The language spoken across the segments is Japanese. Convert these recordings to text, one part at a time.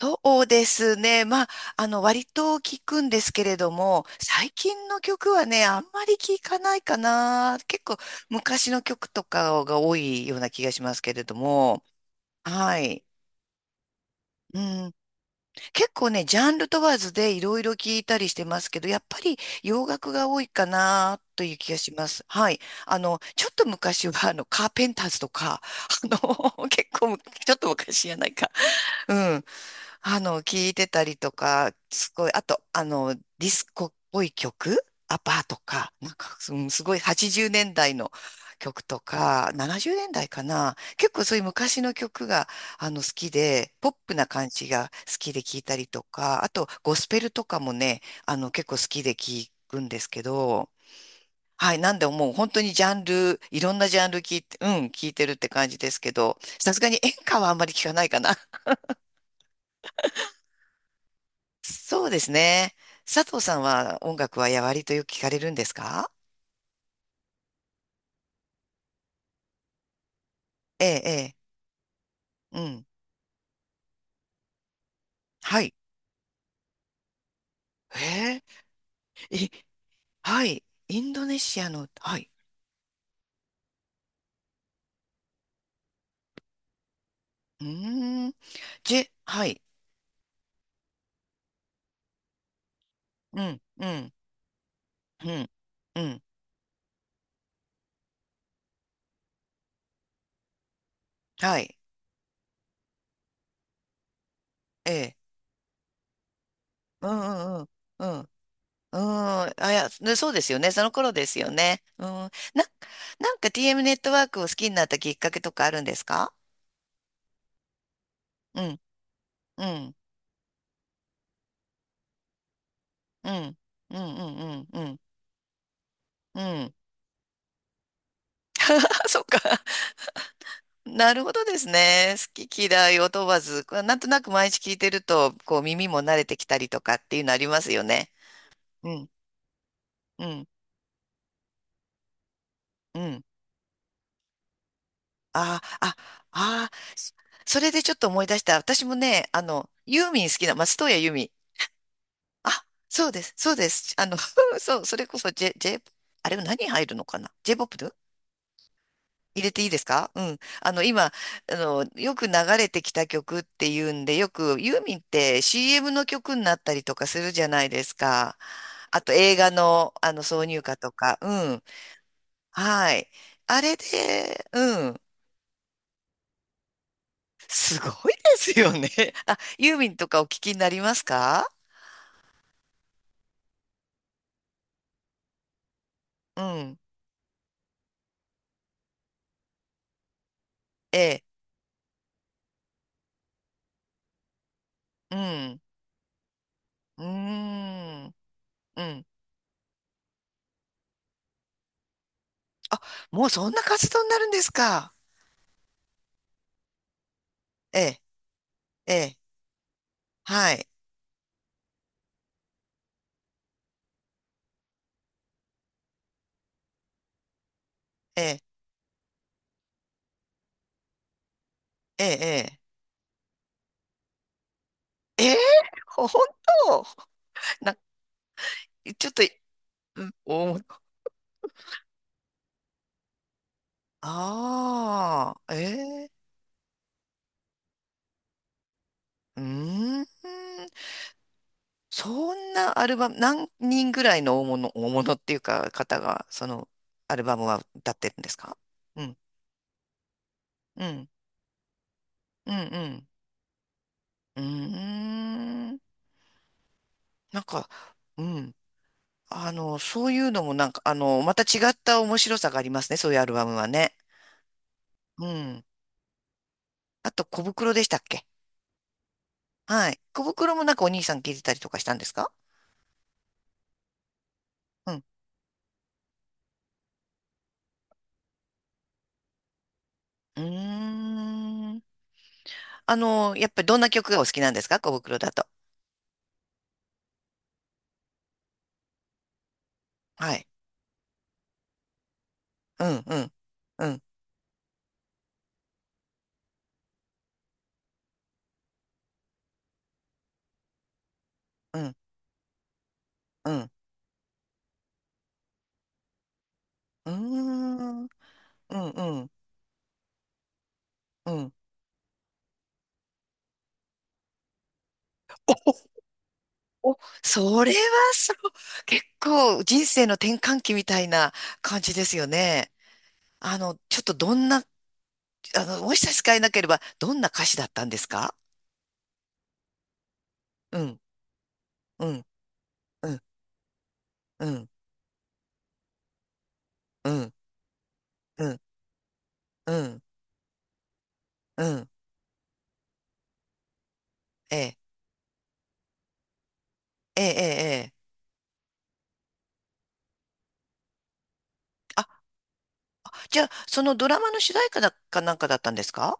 そうですね。割と聞くんですけれども、最近の曲はね、あんまり聞かないかな。結構昔の曲とかが多いような気がしますけれども。はい。うん。結構ね、ジャンル問わずでいろいろ聞いたりしてますけど、やっぱり洋楽が多いかなという気がします。はい。ちょっと昔は、カーペンターズとか、結構む、ちょっと昔じゃないか。うん。聞いてたりとか、すごい、あと、ディスコっぽい曲、アパーとか、なんか、うんすごい80年代の曲とか、70年代かな。結構そういう昔の曲が、好きで、ポップな感じが好きで聞いたりとか、あと、ゴスペルとかもね、結構好きで聞くんですけど、はい、なんでもう本当にジャンル、いろんなジャンル聞いて、うん、聞いてるって感じですけど、さすがに演歌はあんまり聞かないかな。そうですね。佐藤さんは音楽はやわりとよく聞かれるんですか？ええ、ええ、うん。はい。へえ、い、はい。インドネシアの、はい。うーん。ジェ、はい。うん、うん、うん、うん。はい。ええ、うん、うん、うん、うん。うん、あ、いや、ねそうですよね。その頃ですよね。うん。な、なんか TM ネットワークを好きになったきっかけとかあるんですか？うん、うん、うん、うん、うん、うん、うん。うん。あ、そっか。なるほどですね。好き嫌いを問わず、こうなんとなく毎日聞いてると、こう耳も慣れてきたりとかっていうのありますよね。うん、うん、うん。ああ、ああ、そそれでちょっと思い出した。私もね、ユーミン好きな、松任谷由実。あ、そうです、そうです。あの、そう、それこそ J、J、あれ何入るのかな j p ップ？入れていいですか？うん。あの、今、あの、よく流れてきた曲っていうんで、よくユーミンって CM の曲になったりとかするじゃないですか。あと映画の、あの挿入歌とか。うん。はい。あれで、うん。すごいですよね。あ、ユーミンとかお聞きになりますか？うん。ええ。うん。うーん。うん。もうそんな活動になるんですか？ええ。ええ。はい。ええ。ええ。えええー、ほ本当 な、ちょっと、うん、お、ああ、えー、うーん、そんなアルバム、何人ぐらいの大物、大物っていうか、方が、その、アルバムは歌ってるんですか？うん、うん、うん、うん、うーん、なんか、うん、そういうのもなんか、また違った面白さがありますね、そういうアルバムはね。うん。あと、小袋でしたっけ？はい。小袋もなんかお兄さん聞いてたりとかしたんですか？うん。うーん。あの、やっぱりどんな曲がお好きなんですか、小袋だと。はい。うん、うん、うん、うん、うん。うーん、うん、うん、うん。お、お、それはそう、結構人生の転換期みたいな感じですよね。ちょっとどんな、もし差し支えなければ、どんな歌詞だったんですか？うん、うん、うん、うん、うん、うん、うん、うん。ええ、ええ、ええ。ええじゃあ、そのドラマの主題歌だかなんかだったんですか？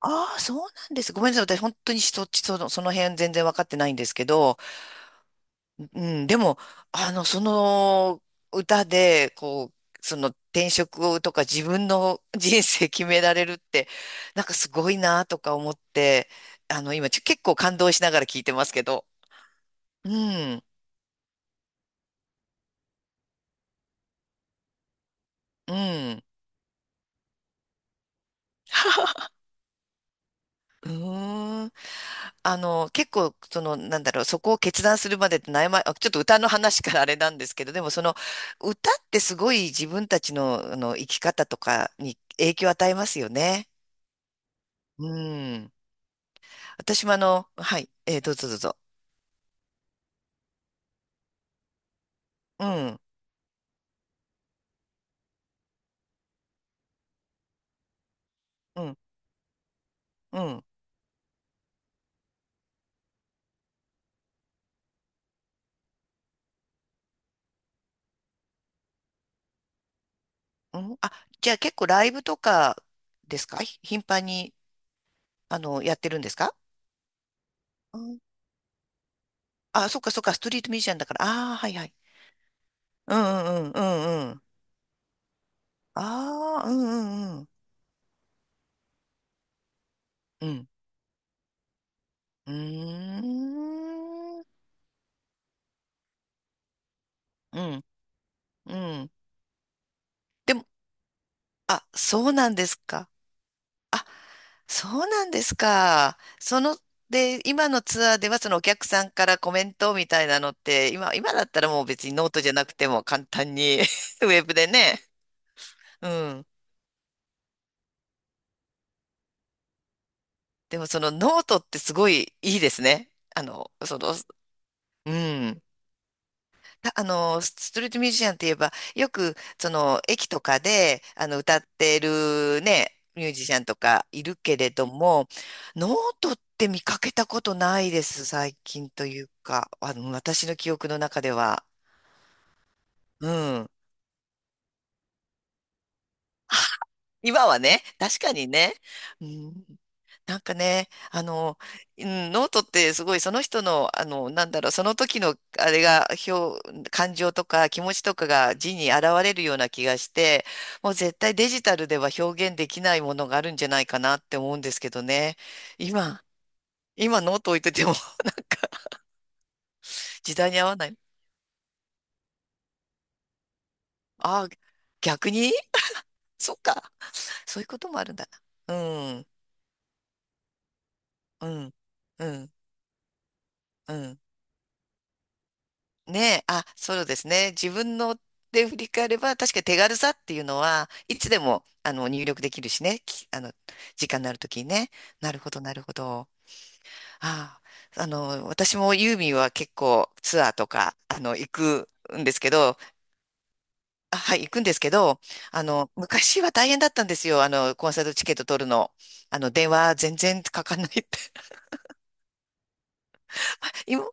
ああ、そうなんです。ごめんなさい。私、本当にそっち、その、その辺全然わかってないんですけど、うん、でも、その歌で、こう、その転職をとか自分の人生決められるって、なんかすごいなとか思って、今、ちょ結構感動しながら聞いてますけど、うん、うん。うーん。あの、結構、その、なんだろう、そこを決断するまでって悩ま、あちょっと歌の話からあれなんですけど、でもその、歌ってすごい自分たちの、生き方とかに影響を与えますよね。うん。私もあの、はい、えーどうぞどうぞ。うん、うん、うん、うん。あ、じゃあ結構ライブとかですか、ひ頻繁に、やってるんですか？うんあ、そっかそっか、ストリートミュージシャンだから。ああ、はいはい。うんうんうんうんうん。ああ、うんうんうん。うんうーん。うん。うん。でも、あ、そうなんですか。あ、そうなんですか。その、で、今のツアーではそのお客さんからコメントみたいなのって、今、今だったらもう別にノートじゃなくても簡単に ウェブでね。うん。でもそのノートってすごいいいですね。あの、その、うん。たあの、ストリートミュージシャンって言えば、よく、その、駅とかで、歌ってるね、ミュージシャンとかいるけれども、ノートって見かけたことないです、最近というか、私の記憶の中では。うん。今はね、確かにね。うん、なんかね、あの、うん、ノートってすごいその人の、あの、なんだろう、その時のあれが、表、感情とか気持ちとかが字に現れるような気がして、もう絶対デジタルでは表現できないものがあるんじゃないかなって思うんですけどね。今、今ノート置いてても なんか時代に合わない。ああ、逆にそっか。そういうこともあるんだな。うん、うん、うん、うん。ねえ、あ、そうですね。自分ので振り返れば、確かに手軽さっていうのは、いつでも、入力できるしね。きあの、時間のあるときにね。なるほど、なるほど。ああ、私もユーミンは結構ツアーとか、行くんですけど、あ、はい、行くんですけど、昔は大変だったんですよ。コンサートチケット取るの。電話全然かかんないって。今、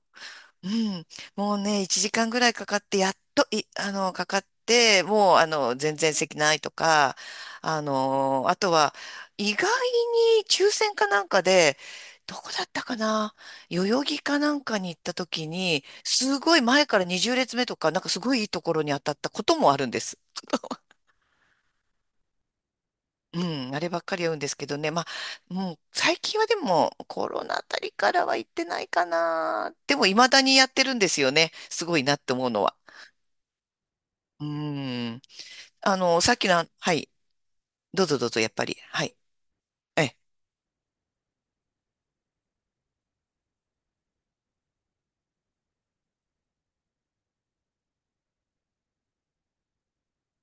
うん。もうね、1時間ぐらいかかって、やっと、い、かかって、もう、全然席ないとか、あとは、意外に抽選かなんかで、どこだったかな、代々木かなんかに行った時に、すごい前から20列目とか、なんかすごいいいところに当たったこともあるんです。うん、あればっかり言うんですけどね。まあ、もう最近はでもコロナあたりからは行ってないかな。でも未だにやってるんですよね。すごいなって思うのは。うーん。あの、さっきの、はい。どうぞどうぞ、やっぱり。はい。ええ